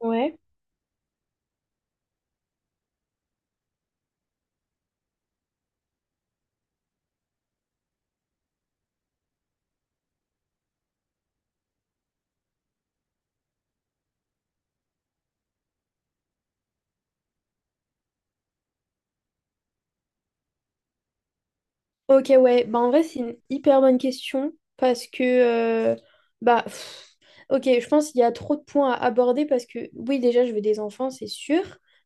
Ouais. Ok, ouais. Bah, en vrai, c'est une hyper bonne question parce que euh, bah, ok, je pense qu'il y a trop de points à aborder parce que oui, déjà, je veux des enfants, c'est sûr.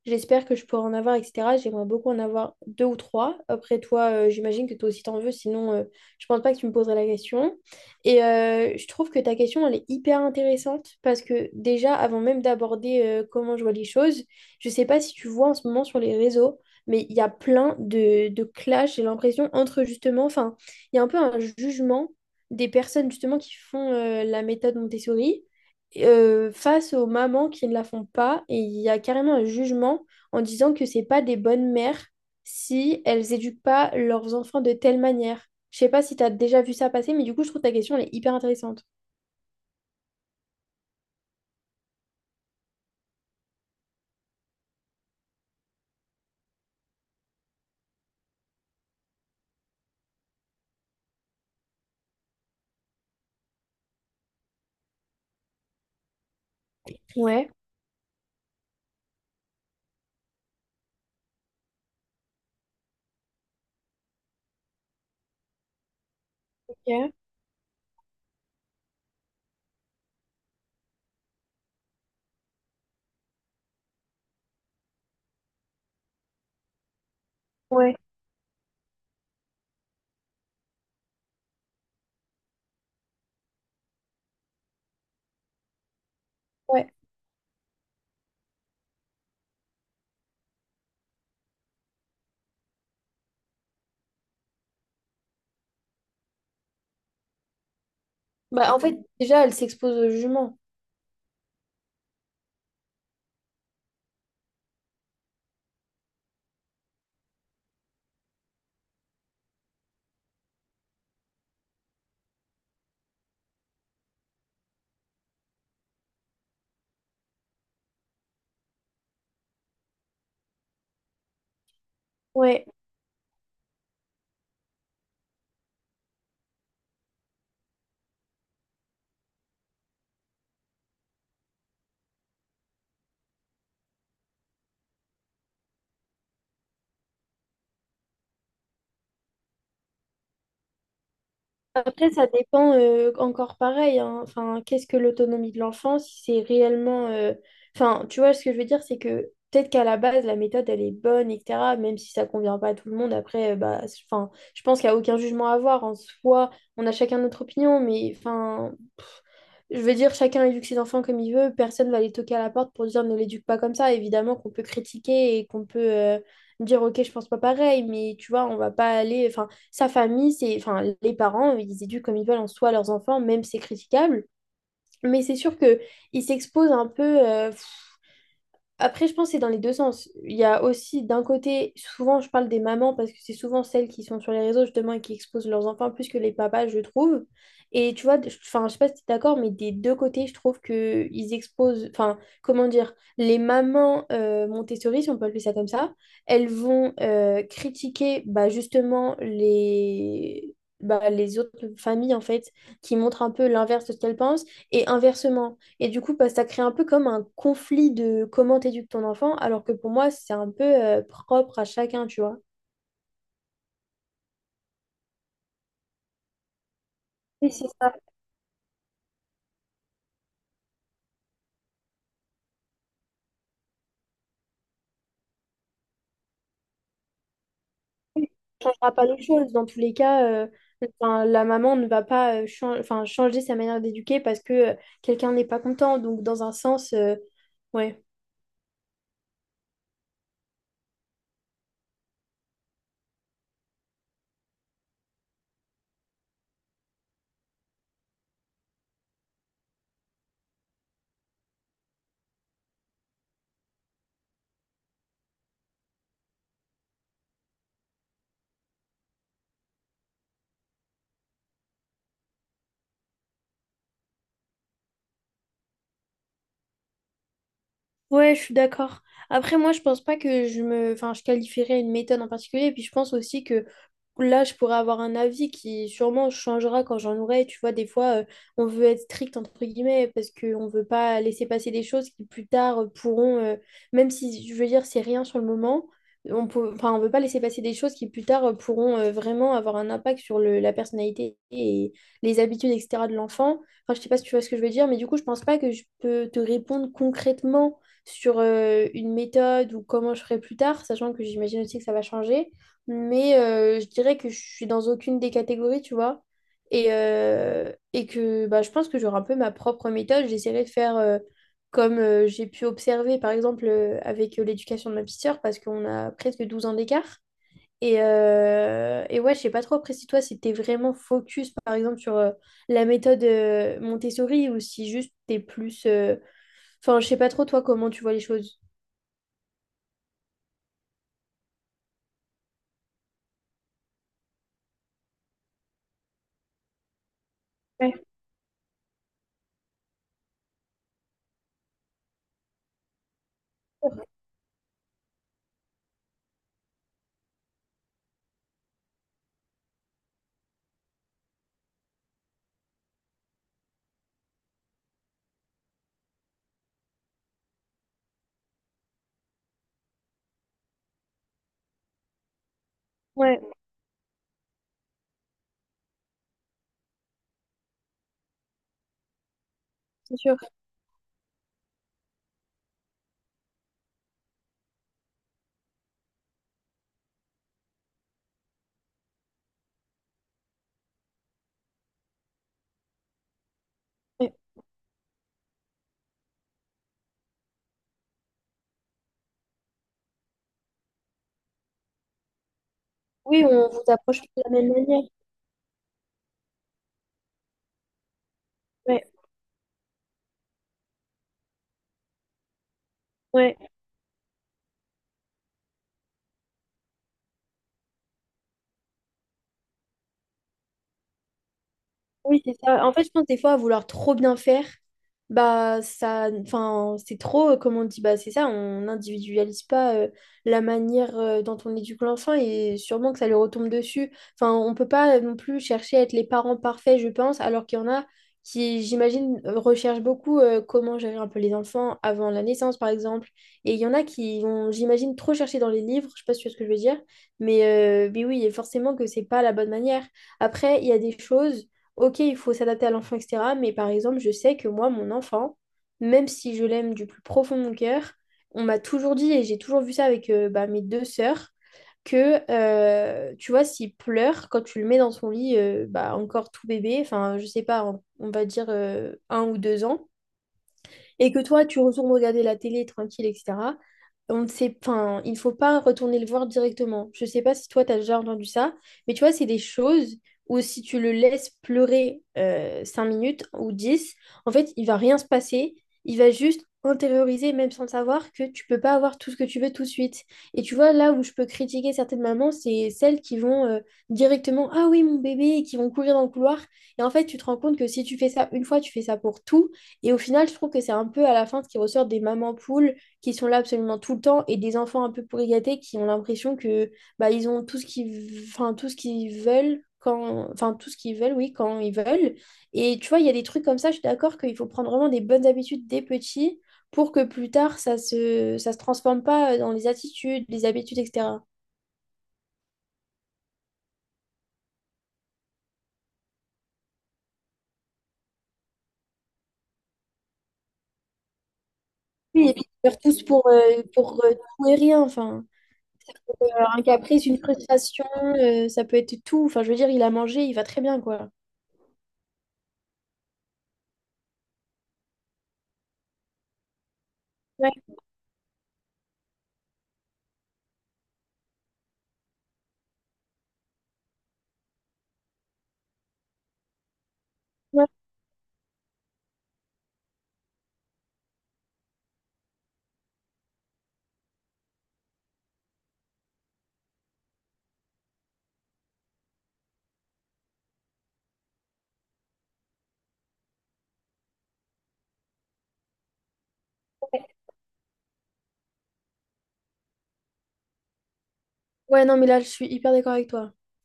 J'espère que je pourrai en avoir, etc. J'aimerais beaucoup en avoir deux ou trois. Après, toi, j'imagine que toi aussi t'en veux, sinon, je pense pas que tu me poserais la question. Et je trouve que ta question, elle est hyper intéressante parce que déjà, avant même d'aborder comment je vois les choses, je sais pas si tu vois en ce moment sur les réseaux, mais il y a plein de clashs, j'ai l'impression, entre justement, enfin, il y a un peu un jugement des personnes justement qui font la méthode Montessori face aux mamans qui ne la font pas. Et il y a carrément un jugement en disant que c'est pas des bonnes mères si elles éduquent pas leurs enfants de telle manière. Je sais pas si tu as déjà vu ça passer, mais du coup, je trouve ta question, elle est hyper intéressante. Ouais. Ok. Ouais, ouais. Bah, en fait, déjà, elle s'expose aux juments. Ouais. Après, ça dépend encore pareil, hein. Enfin, qu'est-ce que l'autonomie de l'enfant, si c'est réellement, enfin, tu vois, ce que je veux dire, c'est que peut-être qu'à la base, la méthode, elle est bonne, etc. Même si ça convient pas à tout le monde, après, bah, enfin, je pense qu'il n'y a aucun jugement à avoir. En soi, on a chacun notre opinion, mais enfin, pff, je veux dire, chacun éduque ses enfants comme il veut. Personne va les toquer à la porte pour dire ne l'éduque pas comme ça. Évidemment qu'on peut critiquer et qu'on peut dire, ok, je pense pas pareil, mais tu vois, on va pas aller, enfin, sa famille, c'est, enfin, les parents, ils éduquent comme ils veulent en soi leurs enfants, même c'est critiquable. Mais c'est sûr que il s'expose un peu, après, je pense que c'est dans les deux sens. Il y a aussi, d'un côté, souvent je parle des mamans parce que c'est souvent celles qui sont sur les réseaux justement et qui exposent leurs enfants plus que les papas, je trouve. Et tu vois, enfin, je sais pas si tu es d'accord, mais des deux côtés, je trouve que ils exposent, enfin, comment dire, les mamans Montessori, si on peut appeler ça comme ça, elles vont critiquer bah, justement les, bah, les autres familles en fait qui montrent un peu l'inverse de ce qu'elles pensent et inversement. Et du coup, bah, ça crée un peu comme un conflit de comment t'éduques ton enfant, alors que pour moi, c'est un peu propre à chacun, tu vois. Et c'est ça ne changera pas les choses. Dans tous les cas, enfin, la maman ne va pas, enfin, changer sa manière d'éduquer parce que quelqu'un n'est pas content. Donc, dans un sens, ouais. Ouais, je suis d'accord. Après, moi, je pense pas que enfin, je qualifierais une méthode en particulier. Et puis, je pense aussi que là, je pourrais avoir un avis qui sûrement changera quand j'en aurai. Tu vois, des fois, on veut être strict, entre guillemets, parce qu'on ne veut pas laisser passer des choses qui plus tard pourront, même si, je veux dire, c'est rien sur le moment, on peut, enfin, on veut pas laisser passer des choses qui plus tard pourront vraiment avoir un impact sur la personnalité et les habitudes, etc. de l'enfant. Enfin, je sais pas si tu vois ce que je veux dire, mais du coup, je pense pas que je peux te répondre concrètement sur une méthode ou comment je ferai plus tard, sachant que j'imagine aussi que ça va changer, mais je dirais que je suis dans aucune des catégories, tu vois. Et, et que bah, je pense que j'aurai un peu ma propre méthode. J'essaierai de faire comme j'ai pu observer, par exemple, avec l'éducation de ma petite sœur, parce qu'on a presque 12 ans d'écart. Et, et ouais, je sais pas trop après si toi, si t'es vraiment focus, par exemple, sur la méthode Montessori, ou si juste t'es plus, enfin, je sais pas trop toi comment tu vois les choses. Ouais, ouais, c'est sûr. Ouais. Oui, on vous approche de la même manière. Ouais, ouais. Oui, c'est ça. En fait, je pense des fois à vouloir trop bien faire, bah ça, enfin, c'est trop, comme on dit, bah c'est ça, on n'individualise pas la manière dont on éduque l'enfant et sûrement que ça lui retombe dessus. Enfin, on peut pas non plus chercher à être les parents parfaits, je pense, alors qu'il y en a qui, j'imagine, recherchent beaucoup comment gérer un peu les enfants avant la naissance, par exemple. Et il y en a qui vont, j'imagine, trop chercher dans les livres, je sais pas si tu vois ce que je veux dire, mais, mais oui, et forcément que c'est pas la bonne manière. Après, il y a des choses, ok, il faut s'adapter à l'enfant, etc. Mais par exemple, je sais que moi, mon enfant, même si je l'aime du plus profond de mon cœur, on m'a toujours dit, et j'ai toujours vu ça avec, bah, mes deux sœurs, que tu vois, s'il pleure, quand tu le mets dans son lit, bah, encore tout bébé, enfin, je sais pas, on va dire 1 ou 2 ans, et que toi, tu retournes regarder la télé tranquille, etc., on ne sait, enfin, il ne faut pas retourner le voir directement. Je ne sais pas si toi, tu as déjà entendu ça, mais tu vois, c'est des choses où si tu le laisses pleurer 5 minutes ou 10, en fait, il va rien se passer. Il va juste intérioriser, même sans le savoir, que tu peux pas avoir tout ce que tu veux tout de suite. Et tu vois, là où je peux critiquer certaines mamans, c'est celles qui vont, directement, ah oui, mon bébé, et qui vont courir dans le couloir. Et en fait, tu te rends compte que si tu fais ça une fois, tu fais ça pour tout. Et au final, je trouve que c'est un peu à la fin ce qui ressort des mamans poules qui sont là absolument tout le temps et des enfants un peu pourri gâtés qui ont l'impression que bah, ils ont tout ce qu'ils, enfin, tout ce qu'ils veulent quand, enfin, tout ce qu'ils veulent, oui, quand ils veulent. Et tu vois, il y a des trucs comme ça, je suis d'accord qu'il faut prendre vraiment des bonnes habitudes dès petits pour que plus tard ça se transforme pas dans les attitudes, les habitudes, etc. Oui, et puis faire tous pour, tout et rien, enfin. Ça peut avoir un caprice, une frustration, ça peut être tout. Enfin, je veux dire, il a mangé, il va très bien, quoi. Ouais, ouais, ouais, non, mais là, je suis hyper d'accord avec toi.